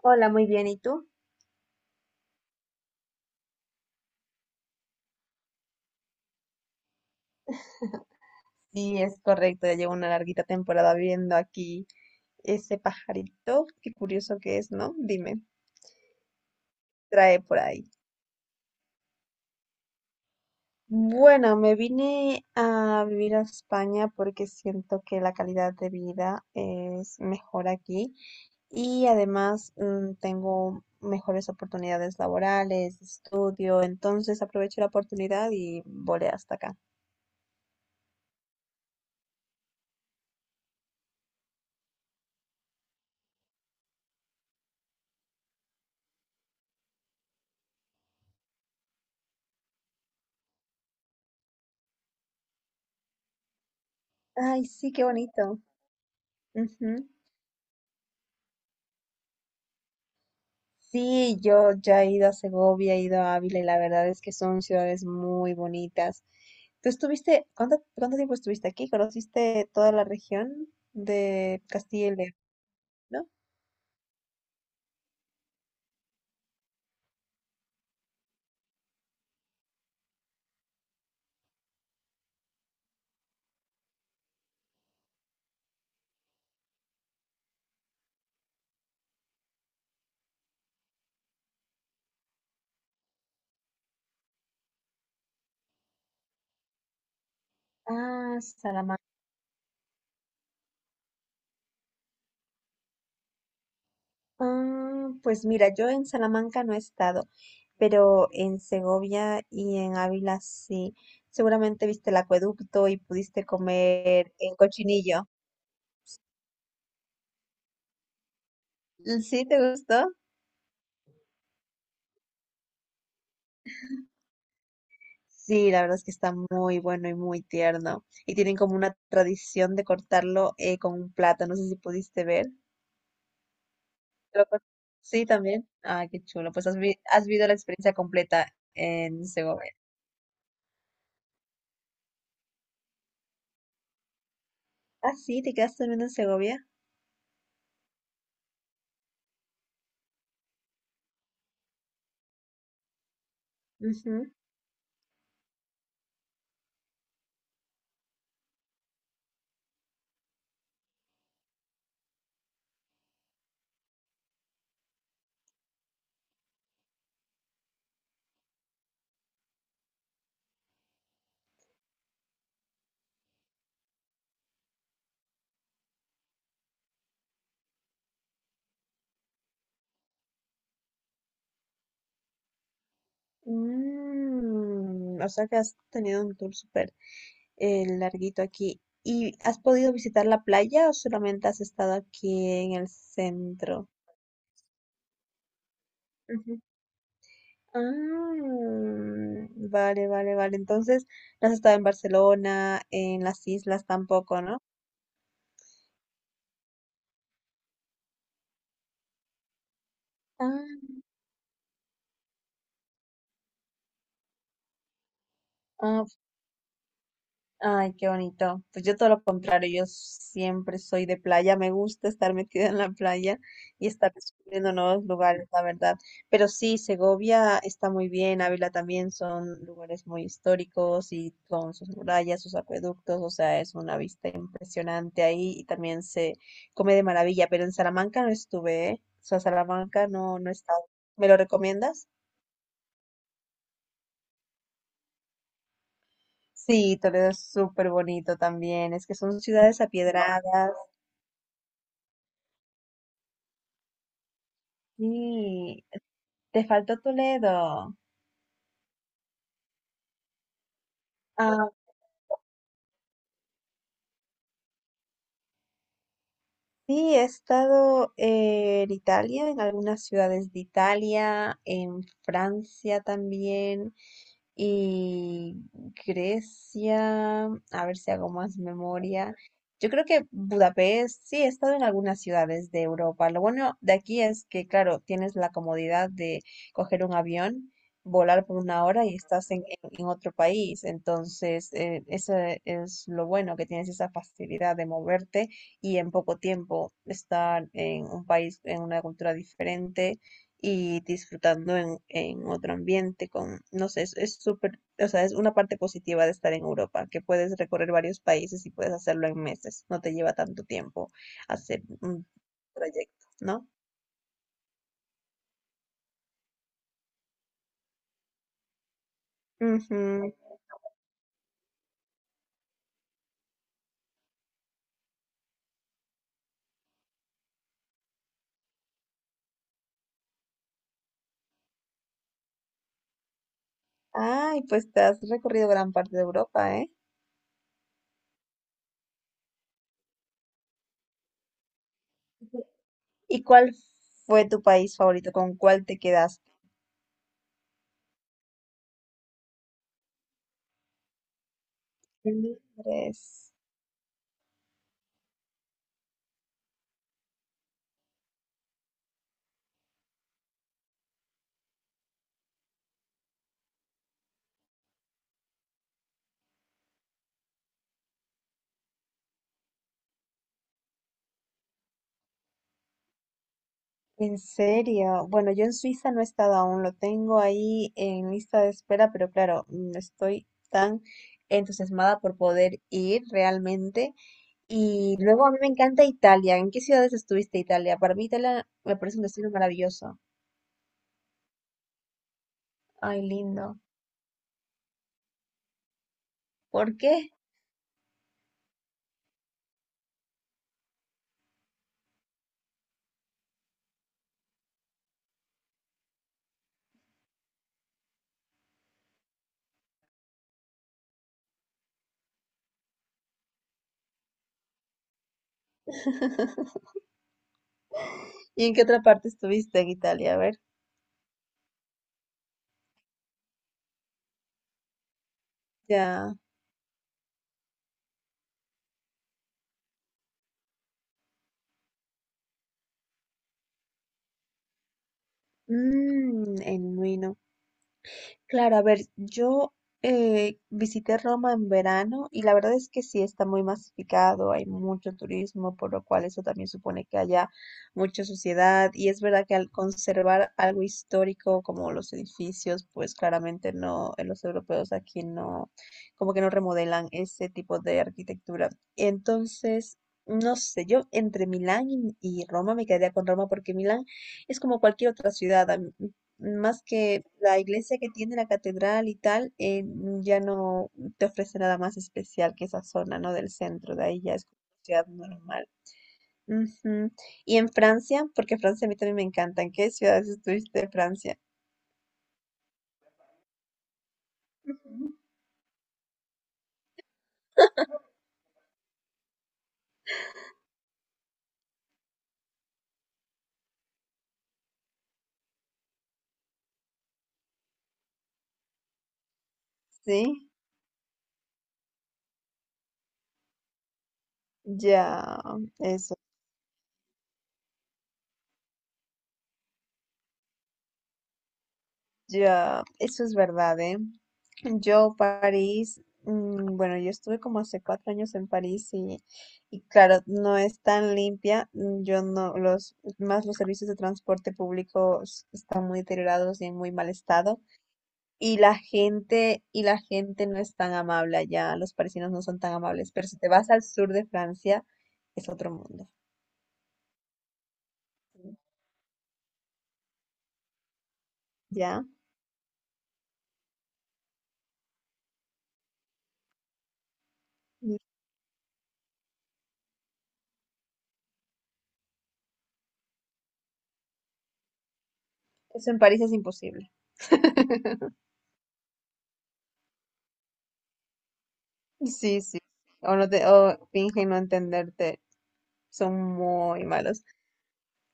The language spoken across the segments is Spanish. Hola, muy bien. ¿Y tú? Sí, es correcto, ya llevo una larguita temporada viendo aquí ese pajarito. Qué curioso que es, ¿no? Dime, trae por ahí. Bueno, me vine a vivir a España porque siento que la calidad de vida es mejor aquí y además tengo mejores oportunidades laborales, de estudio, entonces aprovecho la oportunidad y volé hasta acá. Ay, sí, qué bonito. Ujú. Sí, yo ya he ido a Segovia, he ido a Ávila y la verdad es que son ciudades muy bonitas. ¿Tú estuviste, cuánto tiempo estuviste aquí? ¿Conociste toda la región de Castilla y León, no? Ah, Salamanca. Ah, pues mira, yo en Salamanca no he estado, pero en Segovia y en Ávila sí. Seguramente viste el acueducto y pudiste comer el cochinillo. ¿Sí te gustó? Sí, la verdad es que está muy bueno y muy tierno. Y tienen como una tradición de cortarlo con un plato. No sé si pudiste ver. Lo cor- Sí, también. Ah, qué chulo. Pues has vivido la experiencia completa en Segovia. Ah, sí, te quedaste durmiendo en Segovia. Ujú. Mm, o sea que has tenido un tour súper larguito aquí. ¿Y has podido visitar la playa o solamente has estado aquí en el centro? Ah, vale, vale, vale. Entonces, no has estado en Barcelona, en las islas tampoco, ¿no? Ah, ah, ay, qué bonito. Pues yo todo lo contrario, yo siempre soy de playa, me gusta estar metida en la playa y estar descubriendo nuevos lugares, la verdad. Pero sí, Segovia está muy bien, Ávila también son lugares muy históricos y con sus murallas, sus acueductos, o sea, es una vista impresionante ahí y también se come de maravilla, pero en Salamanca no estuve, ¿eh? O sea, Salamanca no, no he estado. ¿Me lo recomiendas? Sí, Toledo es súper bonito también, es que son ciudades apiedradas. Sí, te faltó Toledo. Ah, sí, he estado en Italia, en algunas ciudades de Italia, en Francia también. Y Grecia, a ver si hago más memoria. Yo creo que Budapest, sí, he estado en algunas ciudades de Europa. Lo bueno de aquí es que, claro, tienes la comodidad de coger un avión, volar por una hora y estás en otro país. Entonces, eso es lo bueno, que tienes esa facilidad de moverte y en poco tiempo estar en un país, en una cultura diferente y disfrutando en otro ambiente con, no sé, es súper, o sea, es una parte positiva de estar en Europa, que puedes recorrer varios países y puedes hacerlo en meses, no te lleva tanto tiempo hacer un trayecto, ¿no? Ujú. Ay, pues te has recorrido gran parte de Europa, ¿eh? ¿Y cuál fue tu país favorito? ¿Con cuál te quedaste? Londres. En serio, bueno, yo en Suiza no he estado aún, lo tengo ahí en lista de espera, pero claro, estoy tan entusiasmada por poder ir realmente. Y luego a mí me encanta Italia. ¿En qué ciudades estuviste Italia? Para mí Italia me parece un destino maravilloso. Ay, lindo. ¿Por qué? ¿Y en qué otra parte estuviste en Italia? A ver, ya. Mm, en Milán. Claro, a ver, yo visité Roma en verano y la verdad es que sí está muy masificado, hay mucho turismo, por lo cual eso también supone que haya mucha suciedad y es verdad que al conservar algo histórico como los edificios, pues claramente no, los europeos aquí no, como que no remodelan ese tipo de arquitectura. Entonces, no sé, yo entre Milán y Roma me quedaría con Roma porque Milán es como cualquier otra ciudad. Más que la iglesia que tiene la catedral y tal, ya no te ofrece nada más especial que esa zona, ¿no? Del centro, de ahí ya es como una ciudad normal. Ujú. Y en Francia, porque Francia a mí también me encanta, ¿en qué ciudades estuviste de Francia? Sí, ya, eso. Ya, eso es verdad, ¿eh? Yo, París, bueno, yo estuve como hace 4 años en París y claro, no es tan limpia. Yo no, más los servicios de transporte público están muy deteriorados y en muy mal estado. Y la gente no es tan amable allá, los parisinos no son tan amables, pero si te vas al sur de Francia, es otro mundo, ¿ya? Y eso en París es imposible. Sí, sí. O, no te, o fingen no entenderte. Son muy malos.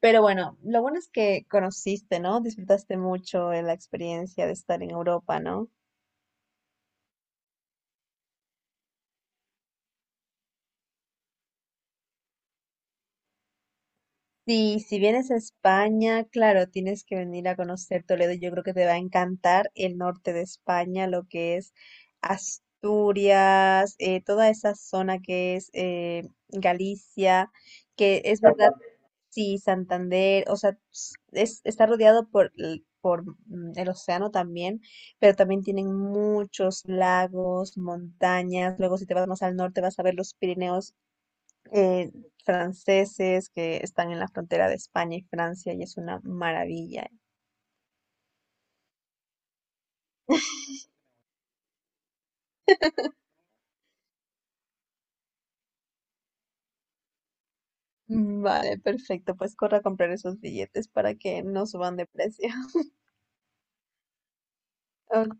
Pero bueno, lo bueno es que conociste, ¿no? Disfrutaste mucho de la experiencia de estar en Europa, ¿no? Sí, si vienes a España, claro, tienes que venir a conocer Toledo. Yo creo que te va a encantar el norte de España, lo que es Asturias, toda esa zona que es Galicia, que es verdad. Sí, Santander, o sea, es, está rodeado por, por el océano también, pero también tienen muchos lagos, montañas. Luego, si te vas más al norte, vas a ver los Pirineos eh, franceses que están en la frontera de España y Francia, y es una maravilla. Vale, perfecto, pues corre a comprar esos billetes para que no suban de precio. Ok.